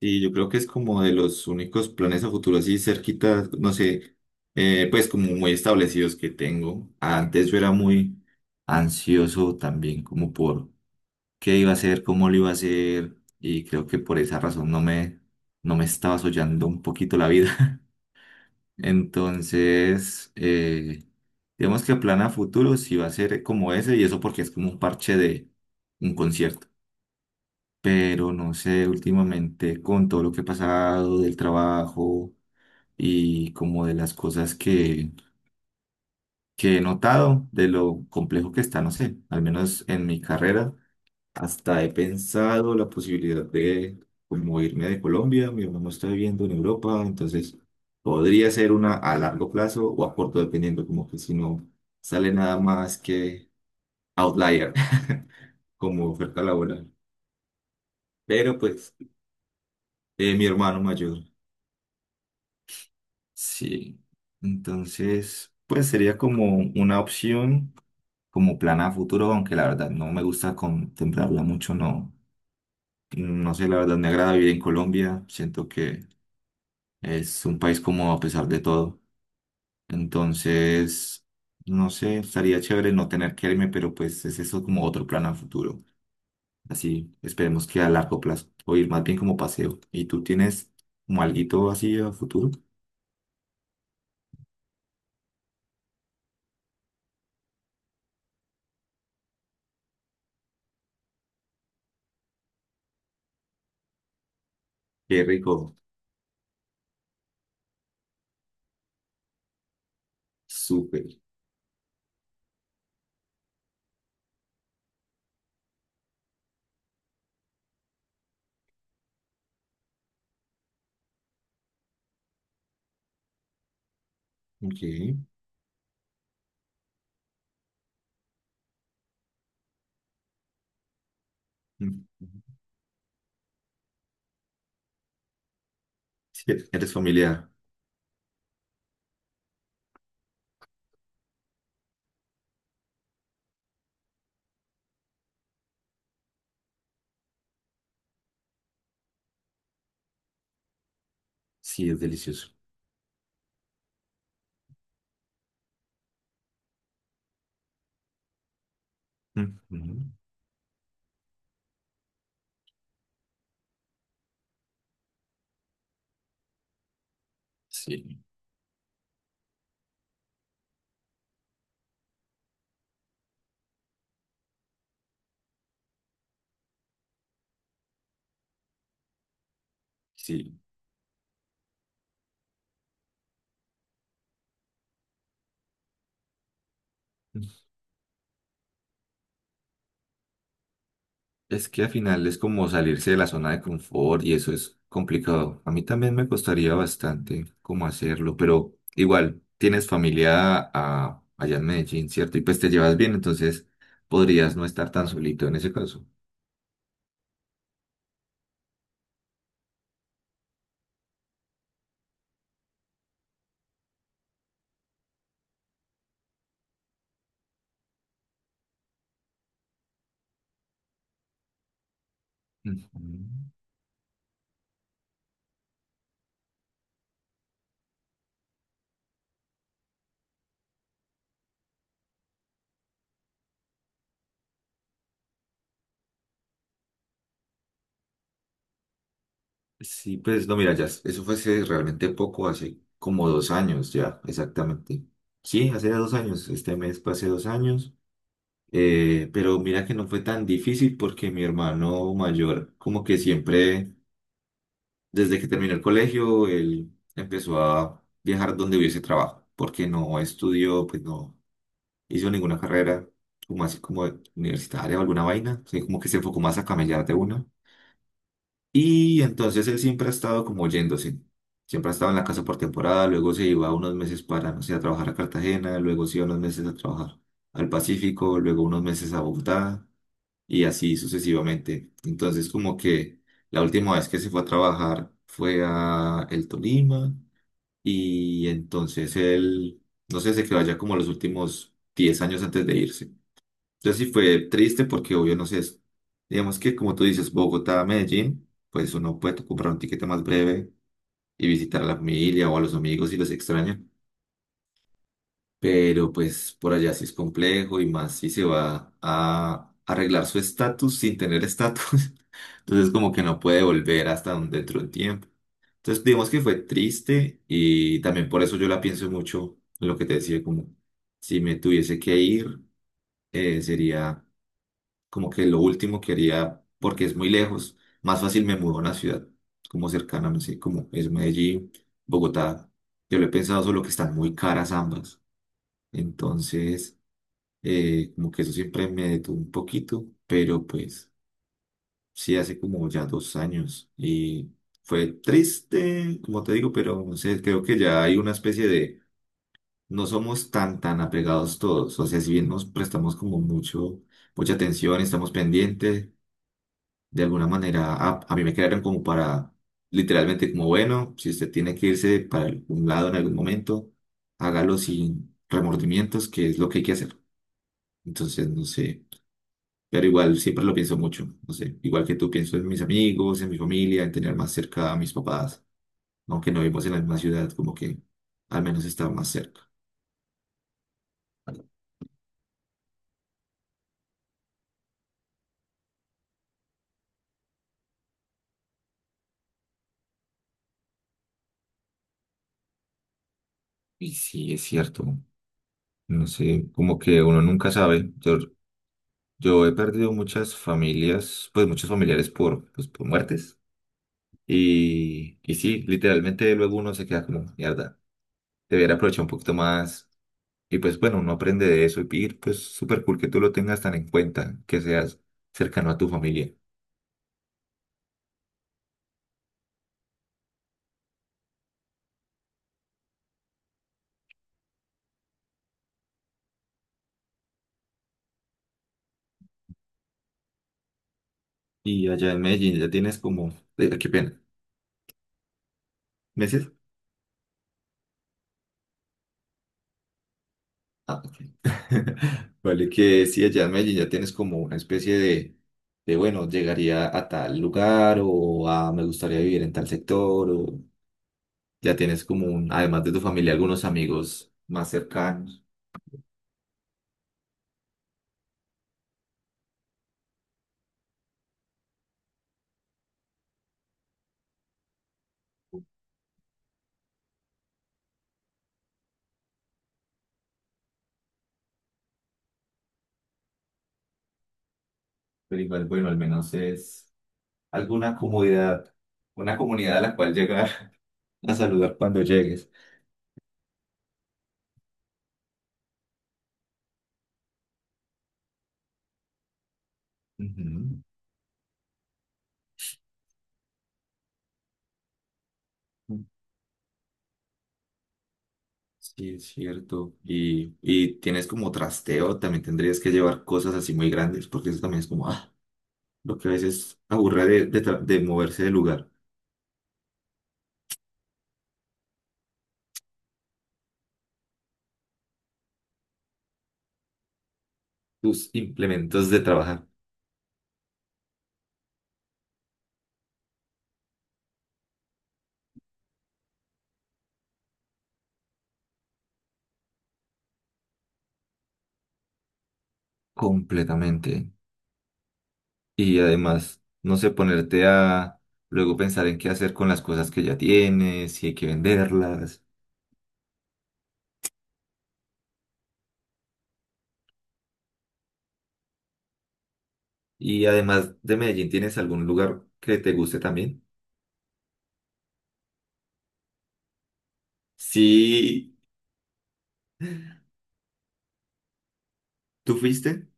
Y yo creo que es como de los únicos planes a futuro así cerquita, no sé, pues como muy establecidos que tengo. Antes yo era muy ansioso también como por qué iba a hacer, cómo lo iba a hacer y creo que por esa razón no me estaba soñando un poquito la vida. Entonces, digamos que el plan a futuro sí va a ser como ese y eso porque es como un parche de un concierto, pero no sé, últimamente con todo lo que he pasado del trabajo y como de las cosas que he notado, de lo complejo que está, no sé, al menos en mi carrera, hasta he pensado la posibilidad de como irme de Colombia. Mi hermano está viviendo en Europa, entonces podría ser una a largo plazo o a corto, dependiendo, como que si no sale nada más que outlier como oferta laboral. Pero pues mi hermano mayor. Sí, entonces pues sería como una opción, como plan a futuro, aunque la verdad no me gusta contemplarla mucho. No, no sé, la verdad me agrada vivir en Colombia, siento que es un país como a pesar de todo. Entonces, no sé, estaría chévere no tener que irme, pero pues es eso, como otro plan a futuro, así, esperemos que a largo plazo, o ir más bien como paseo. ¿Y tú tienes como alguito así a futuro? Qué rico, súper, ok. Mm. Sí, e-, eres familiar. Sí, es delicioso. Ujú. Sí, sí. Es que al final es como salirse de la zona de confort y eso es complicado. A mí también me costaría bastante cómo hacerlo, pero igual tienes familia ah, allá en Medellín, ¿cierto? Y pues te llevas bien, entonces podrías no estar tan solito en ese caso. Ujú. Sí, pues no, mira, ya, eso fue hace realmente poco, hace como 2 años ya, exactamente. Sí, hace 2 años, este mes fue hace 2 años. Pero mira que no fue tan difícil porque mi hermano mayor, como que siempre, desde que terminó el colegio, él empezó a viajar donde hubiese trabajo, porque no estudió, pues no hizo ninguna carrera, como así como universitaria o alguna vaina, sí, como que se enfocó más a camellar de una. Y entonces él siempre ha estado como yéndose, siempre ha estado en la casa por temporada, luego se iba unos meses para, no sé, a trabajar a Cartagena, luego se iba unos meses a trabajar al Pacífico, luego unos meses a Bogotá y así sucesivamente. Entonces, como que la última vez que se fue a trabajar fue a el Tolima y entonces él, no sé, se quedó allá como los últimos 10 años antes de irse. Entonces sí fue triste porque obvio, no sé, es- digamos que como tú dices, Bogotá, Medellín, pues uno puede comprar un tiquete más breve y visitar a la familia o a los amigos si los extraña. Pero pues por allá sí es complejo y más si se va a arreglar su estatus sin tener estatus. Entonces como que no puede volver hasta un- dentro de un tiempo. Entonces digamos que fue triste y también por eso yo la pienso mucho en lo que te decía, como si me tuviese que ir, sería como que lo último que haría, porque es muy lejos. Más fácil me mudo a una ciudad como cercana, no sé, como es Medellín, Bogotá. Yo lo he pensado, solo que están muy caras ambas. Entonces, como que eso siempre me detuvo un poquito, pero pues... Sí, hace como ya 2 años y fue triste, como te digo, pero no sé, creo que ya hay una especie de no somos tan apegados todos, o sea, si bien nos prestamos como mucho, mucha atención, estamos pendientes, de alguna manera a mí me crearon como para literalmente como bueno, si usted tiene que irse para algún lado en algún momento, hágalo sin remordimientos, que es lo que hay que hacer. Entonces, no sé. Pero igual siempre lo pienso mucho, no sé, igual que tú pienso en mis amigos, en mi familia, en tener más cerca a mis papás, aunque no vivimos en la misma ciudad, como que al menos está más cerca. Y sí, es cierto. No sé, como que uno nunca sabe. Yo he perdido muchas familias, pues muchos familiares por, pues, por muertes. Y sí, literalmente luego uno se queda como, mierda, debería aprovechar un poquito más. Y pues bueno, uno aprende de eso. Pues súper cool que tú lo tengas tan en cuenta, que seas cercano a tu familia. Y allá en Medellín ya tienes como... qué pena. ¿Meses? Ah, ok. Vale, que sí, allá en Medellín ya tienes como una especie de, bueno, llegaría a tal lugar o a me gustaría vivir en tal sector, o ya tienes como un, además de tu familia, algunos amigos más cercanos, pero igual, bueno, al menos es alguna comodidad, una comunidad a la cual llegar a saludar cuando llegues. Ujú. Sí, es cierto. Y tienes como trasteo, también tendrías que llevar cosas así muy grandes, porque eso también es como, ah, lo que a veces aburre tra- de moverse de lugar. Tus implementos de trabajar. Completamente. Y además, no sé, ponerte a luego pensar en qué hacer con las cosas que ya tienes, si hay que venderlas. Y además de Medellín, ¿tienes algún lugar que te guste también? Sí, ¿tú fuiste?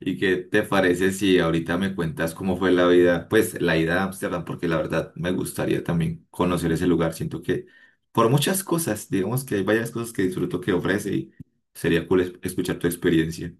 ¿Y qué te parece si ahorita me cuentas cómo fue la vida, pues la ida a Ámsterdam? Porque la verdad me gustaría también conocer ese lugar. Siento que por muchas cosas, digamos que hay varias cosas que disfruto que ofrece y sería cool es- escuchar tu experiencia.